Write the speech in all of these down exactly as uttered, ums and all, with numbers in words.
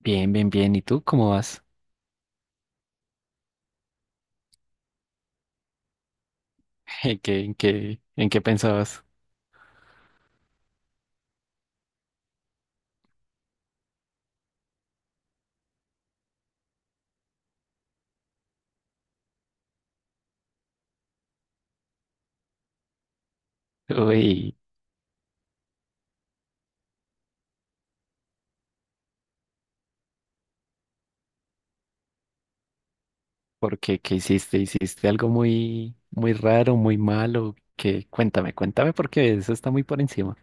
Bien, bien, bien. ¿Y tú cómo vas? ¿En qué, en qué, en qué pensabas? Uy, ¿por qué? ¿Qué hiciste? ¿Hiciste algo muy, muy raro, muy malo? ¿Qué? Cuéntame, cuéntame porque eso está muy por encima.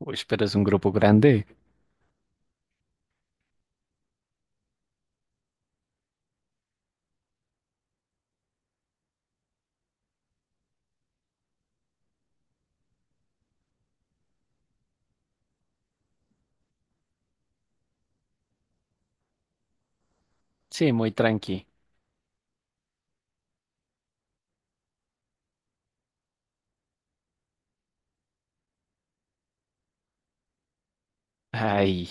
Uy, pero es un grupo grande. Sí, muy tranqui. Ay,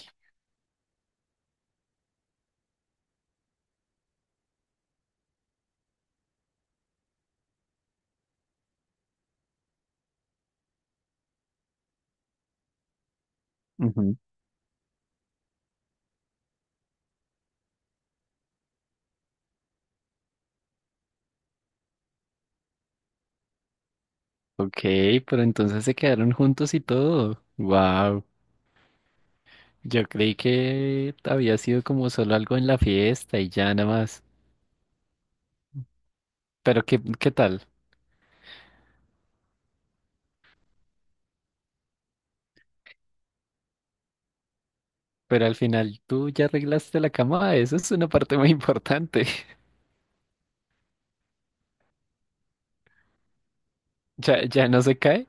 ujú. Ok, pero entonces se quedaron juntos y todo. Wow. Yo creí que había sido como solo algo en la fiesta y ya nada más. Pero ¿qué, qué tal? Pero al final tú ya arreglaste la cama, eso es una parte muy importante. ¿Ya, ya no se cae?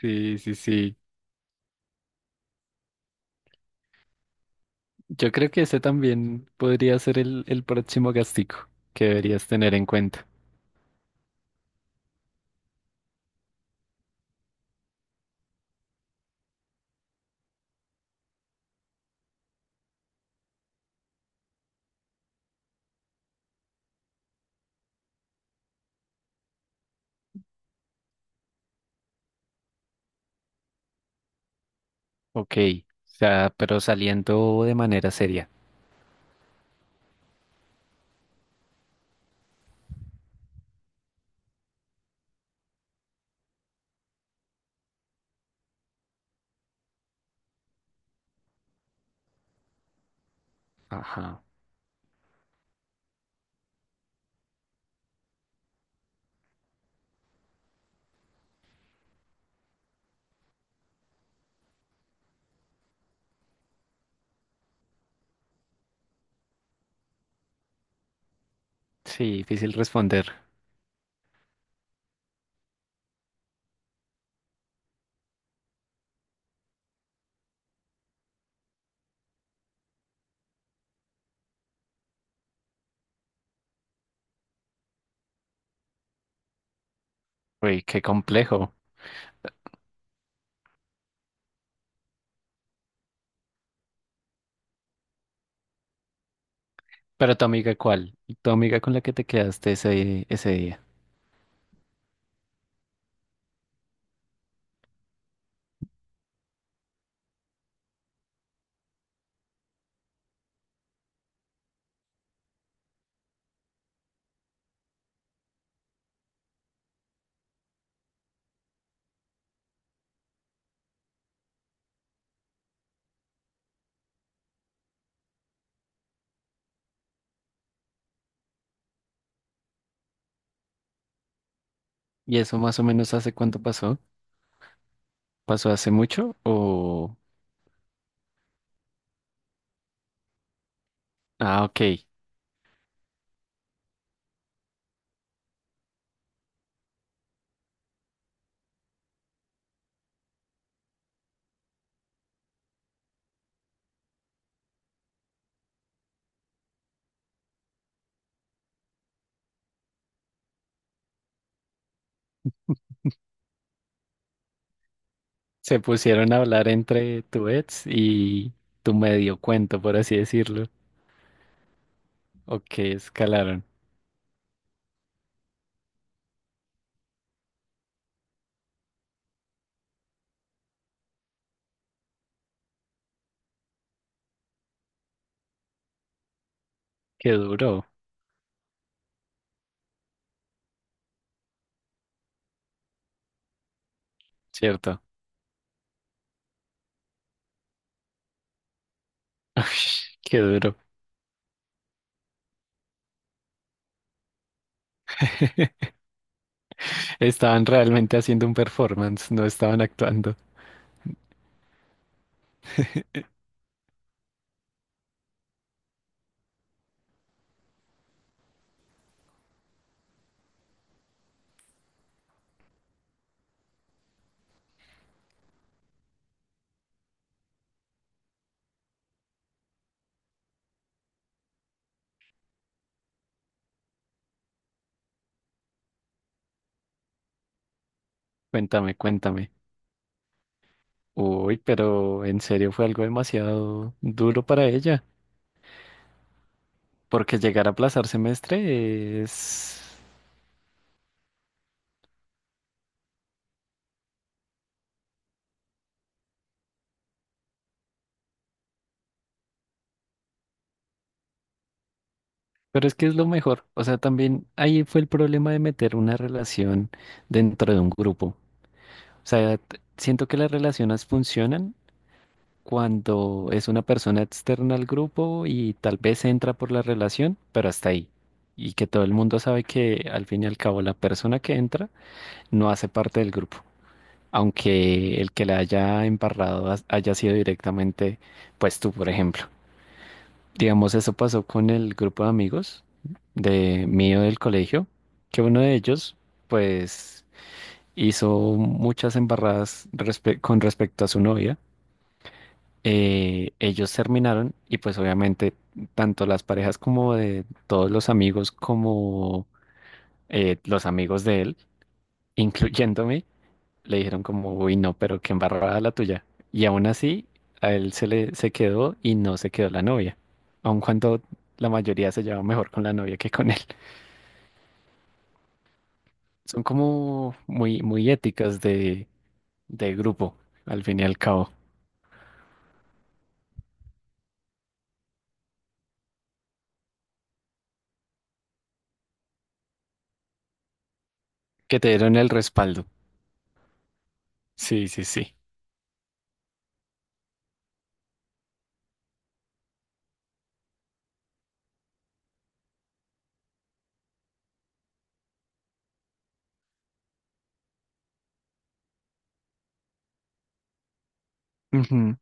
Sí, sí, sí. Yo creo que ese también podría ser el, el próximo gastico que deberías tener en cuenta. Ok, o sea, pero saliendo de manera seria. Ajá. Sí, difícil responder. Uy, qué complejo. Pero tu amiga, ¿cuál? Tu amiga con la que te quedaste ese, ese día. ¿Y eso más o menos hace cuánto pasó? ¿Pasó hace mucho o...? Ah, ok. Se pusieron a hablar entre tu ex y tu medio cuento, por así decirlo. Ok, escalaron. Qué duro, ¿cierto? Qué duro. Estaban realmente haciendo un performance, no estaban actuando. Cuéntame, cuéntame. Uy, pero en serio fue algo demasiado duro para ella, porque llegar a aplazar semestre es... Pero es que es lo mejor. O sea, también ahí fue el problema de meter una relación dentro de un grupo. O sea, t- siento que las relaciones funcionan cuando es una persona externa al grupo y tal vez entra por la relación, pero hasta ahí. Y que todo el mundo sabe que al fin y al cabo la persona que entra no hace parte del grupo, aunque el que la haya embarrado has- haya sido directamente, pues tú, por ejemplo. Digamos, eso pasó con el grupo de amigos de mío del colegio, que uno de ellos, pues, hizo muchas embarradas respe- con respecto a su novia. Eh, ellos terminaron y pues obviamente tanto las parejas como de todos los amigos como eh, los amigos de él, incluyéndome, le dijeron como, uy, no, pero qué embarrada la tuya. Y aún así, a él se le se quedó y no se quedó la novia, aun cuando la mayoría se llevaba mejor con la novia que con él. Son como muy, muy éticas de, de grupo, al fin y al cabo, que te dieron el respaldo. Sí, sí, sí. Ujú.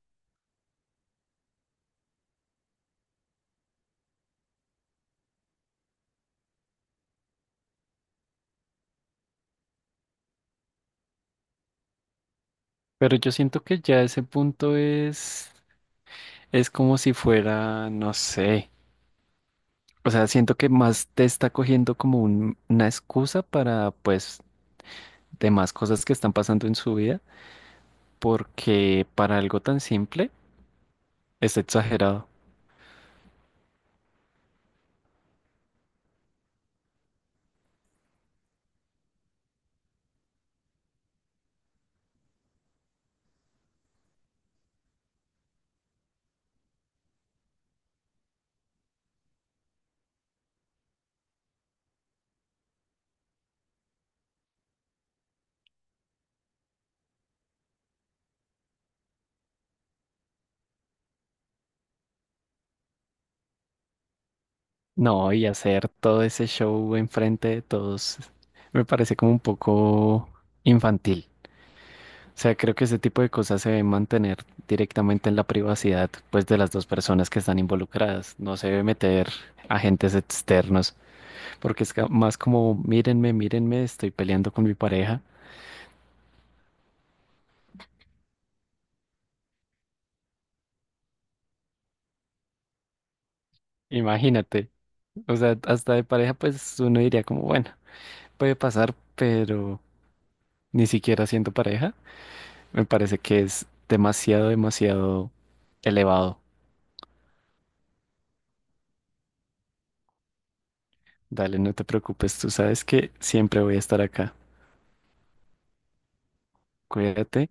Pero yo siento que ya ese punto es, es como si fuera, no sé, o sea, siento que más te está cogiendo como un- una excusa para, pues, demás cosas que están pasando en su vida, porque para algo tan simple es exagerado. No, y hacer todo ese show enfrente de todos me parece como un poco infantil. O sea, creo que ese tipo de cosas se deben mantener directamente en la privacidad, pues, de las dos personas que están involucradas. No se debe meter agentes externos, porque es ca- más como, mírenme, mírenme, estoy peleando con mi pareja. Imagínate. O sea, hasta de pareja, pues, uno diría como, bueno, puede pasar, pero ni siquiera siendo pareja, me parece que es demasiado, demasiado elevado. Dale, no te preocupes, tú sabes que siempre voy a estar acá. Cuídate.